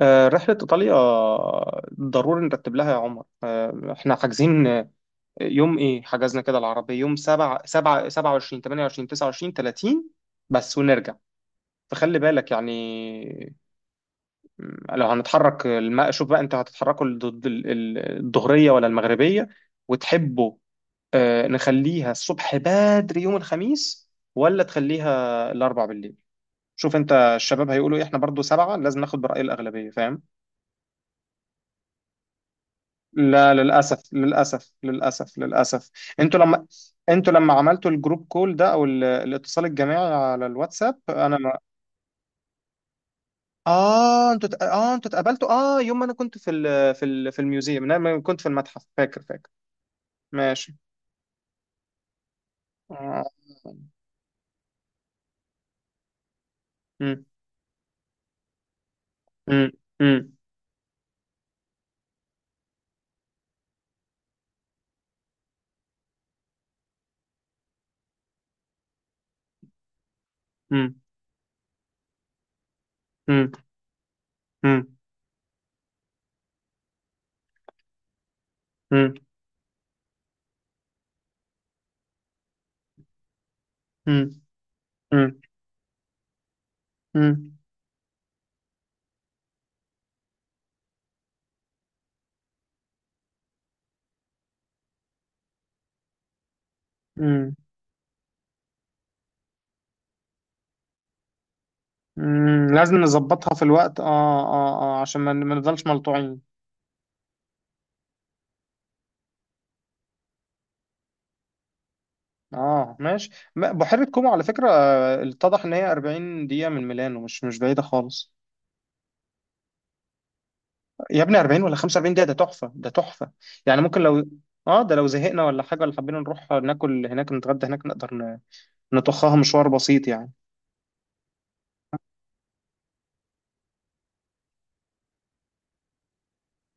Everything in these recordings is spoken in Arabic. آه، رحلة إيطاليا ضروري نرتب لها يا عمر. آه، إحنا حاجزين. آه، يوم إيه حجزنا كده؟ العربية يوم سبعة، سبعة، 27، 28، 29، 30 بس ونرجع. فخلي بالك يعني. لو هنتحرك شوف بقى أنت هتتحركوا الظهرية ولا المغربية وتحبوا؟ آه، نخليها الصبح بدري يوم الخميس ولا تخليها الأربع بالليل؟ شوف أنت الشباب هيقولوا إيه، إحنا برضو 7، لازم ناخد برأي الأغلبية، فاهم؟ لا، للاسف للاسف. انتوا لما انتوا لما عملتوا الجروب كول ده او الاتصال الجماعي على الواتساب انا ما… اه، انتوا اتقابلتوا. اه، يوم ما انا كنت في في الميوزيوم، انا لما كنت في المتحف، فاكر؟ ماشي. آه. مم. مم. مم. مم. مم. مم. مم. مم. مم. مم. مم. مم. لازم نظبطها في الوقت، اه. اه، اه، عشان ما نفضلش ملطوعين. اه ماشي. بحيرة كومو على فكرة آه، اتضح ان هي 40 دقيقة من ميلانو، مش بعيدة خالص. يا ابني 40 ولا 45 دقيقة؟ ده تحفة، ده تحفة يعني. ممكن لو اه، ده لو زهقنا ولا حاجة ولا حبينا نروح ناكل هناك، نتغدى هناك، نقدر نطخها مشوار بسيط يعني.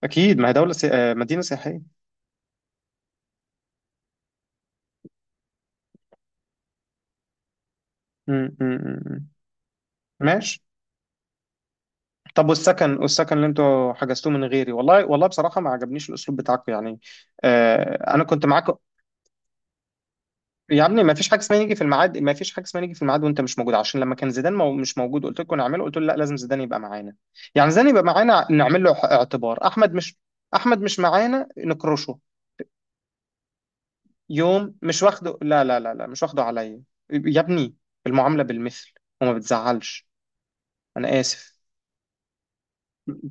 اكيد، ما هي آه، مدينة سياحية. م. ماشي. طب والسكن، والسكن اللي انتوا حجزتوه من غيري، والله والله بصراحة ما عجبنيش الاسلوب بتاعكم يعني. آه، انا كنت معاك. يا ابني ما فيش حاجه اسمها نيجي في الميعاد، ما فيش حاجه اسمها نيجي في الميعاد وانت مش موجود، عشان لما كان زيدان مش موجود قلت لكم نعمله، قلت له لا، لازم زيدان يبقى معانا. يعني زيدان يبقى معانا، نعمل له اعتبار، احمد مش… احمد مش معانا نكرشه؟ يوم مش واخده، لا لا لا لا، مش واخده عليا يا ابني. المعامله بالمثل، وما بتزعلش. انا اسف.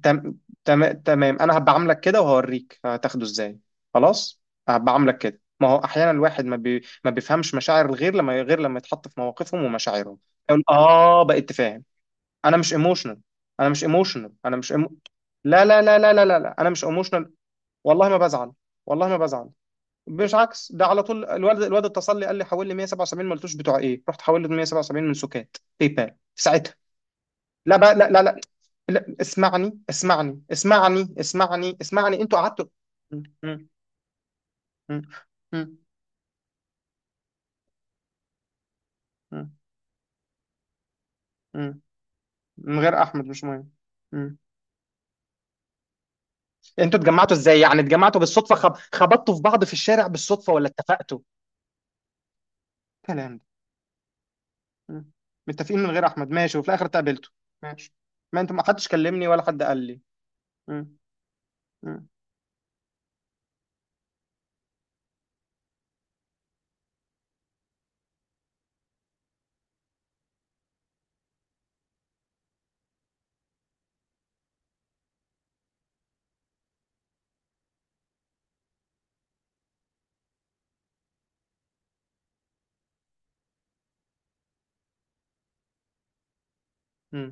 تم... تمام، انا هبقى عاملك كده وهوريك هتاخده ازاي. خلاص، هبقى عاملك كده. ما هو احيانا الواحد ما بيفهمش مشاعر الغير لما غير لما يتحط في مواقفهم ومشاعرهم. يقول اه، بقيت فاهم؟ انا مش ايموشنال. انا مش ايموشنال انا مش إيمو... لا لا لا لا لا لا لا. انا مش ايموشنال. والله ما بزعل. والله ما بزعل. مش عكس ده؟ على طول الواد، اتصل لي قال لي حول لي 177، ما قلتوش بتوع ايه، رحت حول له 177 من سكات باي بال. لا بقى، لا. لا، اسمعني، انتوا قعدتوا م- م- م- م- م- م- من غير احمد مش مهم. م. انتوا اتجمعتوا ازاي؟ يعني اتجمعتوا بالصدفه، خبطتوا في بعض في الشارع بالصدفه ولا اتفقتوا؟ كلام ده. م. متفقين من غير احمد، ماشي، وفي الاخر اتقابلتوا. ماشي. ما انتوا ما حدش كلمني ولا حد قال لي. م. م. م.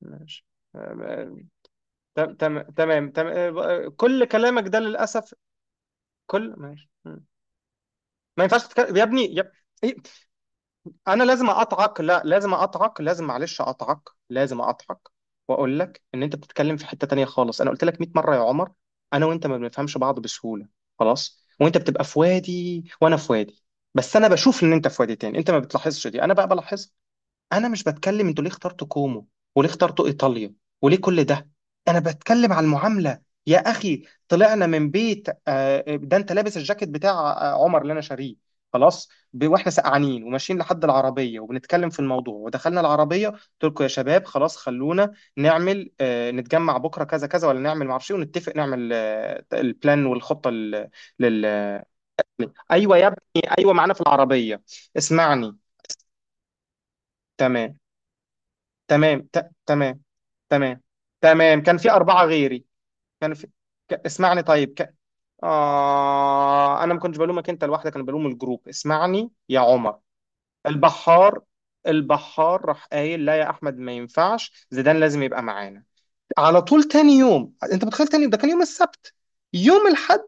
ماشي. آه، آه، تمام تمام. كل كلامك ده للاسف. ماشي. ما ينفعش تتكلم يا ابني يا… إيه؟ انا لازم اقطعك، لا لازم اقطعك، لازم معلش اقطعك، لازم اقطعك، واقول لك ان انت بتتكلم في حتة تانية خالص. انا قلت لك 100 مرة يا عمر، انا وانت ما بنفهمش بعض بسهولة. خلاص، وانت بتبقى في وادي وانا في وادي. بس انا بشوف ان انت في وادي تاني، انت ما بتلاحظش دي، انا بقى بلاحظها. انا مش بتكلم انتوا ليه اخترتوا كومو، وليه اخترتوا ايطاليا، وليه كل ده. انا بتكلم على المعامله يا اخي. طلعنا من بيت آه، ده انت لابس الجاكيت بتاع آه، عمر اللي انا شاريه. خلاص، واحنا سقعانين وماشيين لحد العربيه وبنتكلم في الموضوع، ودخلنا العربيه قلت لكم يا شباب خلاص، خلونا نعمل آه، نتجمع بكره كذا كذا، ولا نعمل معرفش إيه، ونتفق نعمل آه، البلان والخطه آه… ايوه يا ابني، ايوه معانا في العربيه. اسمعني. تمام تمام. تمام. تمام، كان في أربعة غيري. كان في… اسمعني طيب. ك… آه، أنا ما كنتش بلومك أنت لوحدك، أنا بلوم الجروب. اسمعني يا عمر. البحار البحار راح قايل لا يا أحمد ما ينفعش، زيدان لازم يبقى معانا. على طول، تاني يوم، أنت متخيل؟ تاني يوم، ده كان يوم السبت، يوم الحد،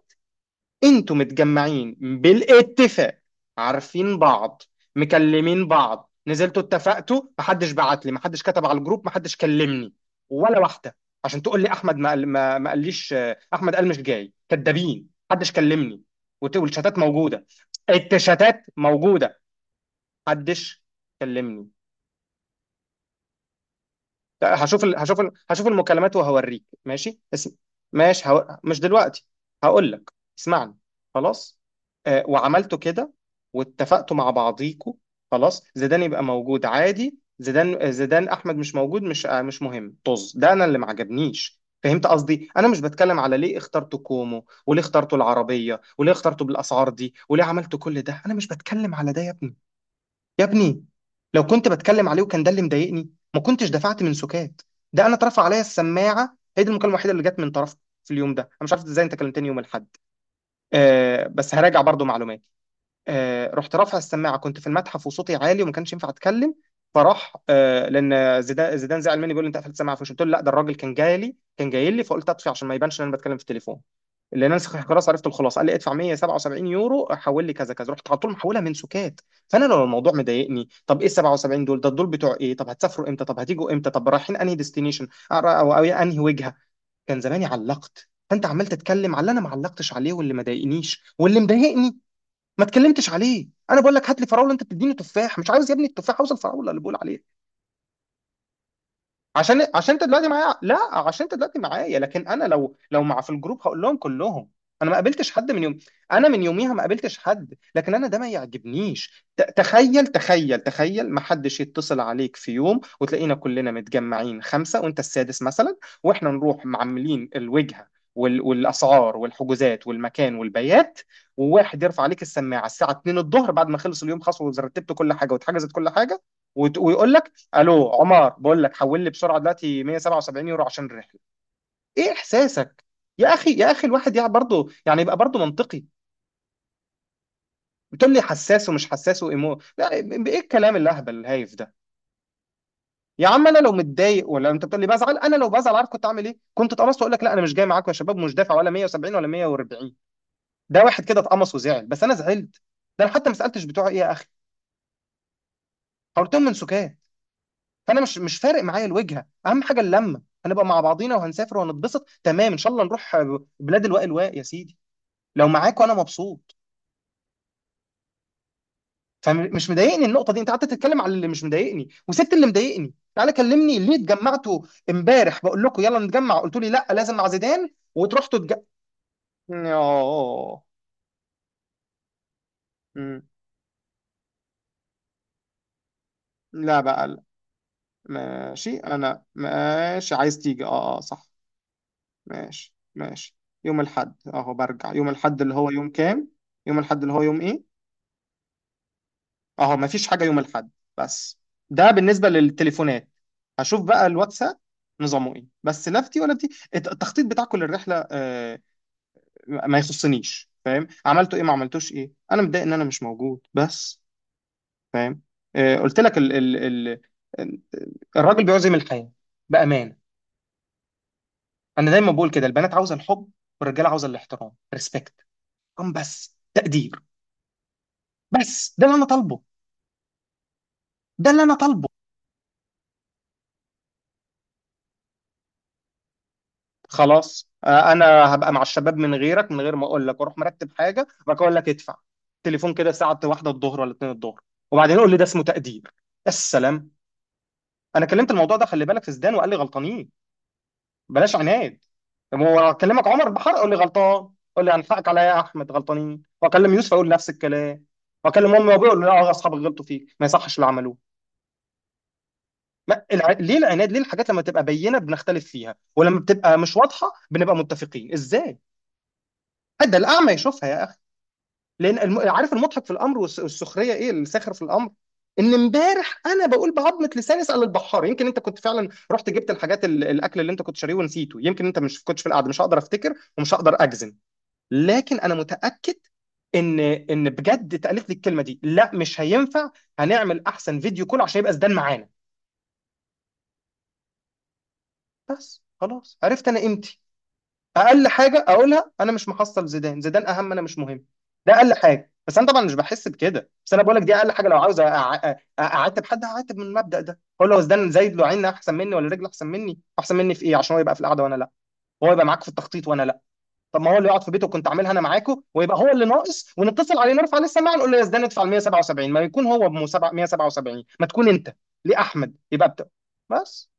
انتوا متجمعين بالاتفاق، عارفين بعض، مكلمين بعض، نزلتوا اتفقتوا، محدش بعت لي، محدش كتب على الجروب، محدش كلمني ولا واحده، عشان تقول لي احمد ما قاليش آه، احمد قال مش جاي، كدابين محدش كلمني. والشتات موجوده، الشتات موجوده. محدش كلمني. لا، هشوف المكالمات وهوريك ماشي. ماشي. مش دلوقتي، هقول لك. اسمعني. خلاص، آه، وعملتوا كده واتفقتوا مع بعضيكوا. خلاص، زيدان يبقى موجود عادي، زيدان آه، زيدان احمد مش موجود مش، آه، مش مهم، طز، ده انا اللي ما عجبنيش، فهمت قصدي؟ انا مش بتكلم على ليه اخترتوا كومو وليه اخترتوا العربيه وليه اخترتوا بالاسعار دي وليه عملتوا كل ده، انا مش بتكلم على ده يا ابني. يا ابني، لو كنت بتكلم عليه وكان ده اللي مضايقني، ما كنتش دفعت من سكات. ده انا اترفع عليا السماعه، هي دي المكالمه الوحيده اللي جت من طرفك في اليوم ده، انا مش عارف ازاي انت كلمتني يوم الاحد. آه، بس هراجع برضو معلوماتي. آه، رحت رافع السماعه، كنت في المتحف وصوتي عالي وما كانش ينفع اتكلم، فراح آه، لان زيدان زعل مني بيقول لي انت قفلت السماعه، فمش قلت له لا، ده الراجل كان جاي لي، فقلت اطفي عشان ما يبانش ان انا بتكلم في التليفون. اللي انا خلاص عرفت الخلاصه، قال لي ادفع 177 يورو، حول لي كذا كذا، رحت على طول محولها منسوكات. فانا لو الموضوع مضايقني طب ايه ال 77 دول، ده دول بتوع ايه، طب هتسافروا امتى، طب هتيجوا امتى، طب رايحين انهي ديستنيشن، او انهي وجهه، كان زماني علقت. فانت عمال تتكلم على اللي انا ما علقتش عليه واللي ما ضايقنيش، واللي مضايقني ما اتكلمتش عليه. انا بقول لك هات لي فراوله، انت بتديني تفاح. مش عاوز يا ابني التفاح، عاوز الفراوله اللي بقول عليها. عشان انت دلوقتي معايا، لا عشان انت دلوقتي معايا، لكن انا لو مع في الجروب هقول لهم كلهم. انا ما قابلتش حد من يوم. انا من يوميها ما قابلتش حد، لكن انا ده ما يعجبنيش. تخيل، ما حدش يتصل عليك في يوم وتلاقينا كلنا متجمعين خمسة وانت السادس مثلا، واحنا نروح معملين الوجهة والاسعار والحجوزات والمكان والبيات، وواحد يرفع عليك السماعة الساعة 2 الظهر بعد ما خلص اليوم خلاص ورتبت كل حاجة واتحجزت كل حاجة، ويقول لك: الو عمر، بقول لك حول لي بسرعه دلوقتي 177 يورو عشان الرحله. ايه احساسك؟ يا اخي يا اخي، الواحد يعني برضه يعني يبقى برضه منطقي. بتقول لي حساس ومش حساس وايمو، لا، ايه الكلام الاهبل الهايف ده؟ يا عم انا لو متضايق، ولا انت بتقول لي بزعل، انا لو بزعل عارف كنت اعمل ايه؟ كنت اتقمصت واقول لك لا انا مش جاي معاكم يا شباب، مش دافع ولا 170 ولا 140، ده واحد كده اتقمص وزعل. بس انا زعلت؟ ده انا حتى ما سالتش بتوع ايه يا اخي، حاولتهم من سكات. فانا مش مش فارق معايا الوجهه، اهم حاجه اللمه، هنبقى مع بعضينا وهنسافر وهنتبسط، تمام ان شاء الله نروح بلاد الواء الواء يا سيدي، لو معاك وانا مبسوط. فمش مضايقني النقطه دي، انت قعدت تتكلم على اللي مش مضايقني وسبت اللي مضايقني. تعالى كلمني ليه اتجمعتوا امبارح بقول لكم يلا نتجمع قلتوا لي لا لازم مع زيدان، وتروحوا اه. أمم. لا بقى، لا. ماشي، انا ماشي عايز تيجي، اه اه صح. ماشي ماشي. يوم الاحد اهو، برجع يوم الاحد اللي هو يوم كام؟ يوم الاحد اللي هو يوم ايه؟ اهو مفيش حاجه يوم الاحد بس. ده بالنسبه للتليفونات، هشوف بقى الواتساب نظامه ايه. بس لا في دي ولا في دي التخطيط بتاع كل الرحله آه، ما يخصنيش فاهم، عملته ايه ما عملتوش ايه، انا متضايق ان انا مش موجود بس، فاهم؟ آه، قلت لك ال- الراجل بيعزم الحياه بامانه. انا دايما بقول كده، البنات عاوزه الحب والرجاله عاوزه الاحترام، ريسبكت، بس تقدير. بس ده اللي انا طالبه، ده اللي انا طالبه. خلاص، آه، انا هبقى مع الشباب من غيرك، من غير ما اقول لك، واروح مرتب حاجه وبعد كده اقول لك ادفع تليفون كده الساعه واحدة الظهر ولا 2 الظهر، وبعدين يقول لي ده اسمه تقدير. السلام. انا كلمت الموضوع ده خلي بالك في زدان وقال لي غلطانين بلاش عناد. طب هو اكلمك عمر بحر قول لي غلطان، قول لي هنحقك عليا يا احمد غلطانين، واكلم يوسف اقول نفس الكلام، واكلم امي وابوي اقول لا آه، اصحابك غلطوا فيك ما يصحش اللي عملوه. ما الع... ليه العناد، ليه الحاجات لما تبقى بينه بنختلف فيها، ولما بتبقى مش واضحه بنبقى متفقين ازاي؟ حد الاعمى يشوفها يا اخي. عارف المضحك في الامر والسخريه، ايه الساخر في الامر؟ ان امبارح انا بقول بعظمه لساني اسال البحار، يمكن انت كنت فعلا رحت جبت الحاجات الاكل اللي انت كنت شاريه ونسيته، يمكن انت مش كنتش في القعده، مش هقدر افتكر ومش هقدر اجزم، لكن انا متاكد ان ان بجد اتقالت لي الكلمه دي لا مش هينفع، هنعمل احسن فيديو كول عشان يبقى زدان معانا. بس خلاص عرفت انا قيمتي. اقل حاجه اقولها، انا مش محصل زيدان، زيدان اهم انا مش مهم، ده اقل حاجه. بس انا طبعا مش بحس بكده، بس انا بقول لك دي اقل حاجه. لو عاوز اعاتب حد هعاتب من المبدا ده، اقول له هو زيدان زايد له عين احسن مني ولا رجل احسن مني؟ احسن مني في ايه عشان هو يبقى في القعده وانا لا، هو يبقى معاك في التخطيط وانا لا؟ طب ما هو اللي يقعد في بيته كنت عاملها انا معاكو، ويبقى هو اللي ناقص ونتصل عليه نرفع عليه السماعه نقول له يا زيدان ادفع ال 177، ما يكون هو ب 177 ما تكون انت. ليه احمد يبقى بتاع بس.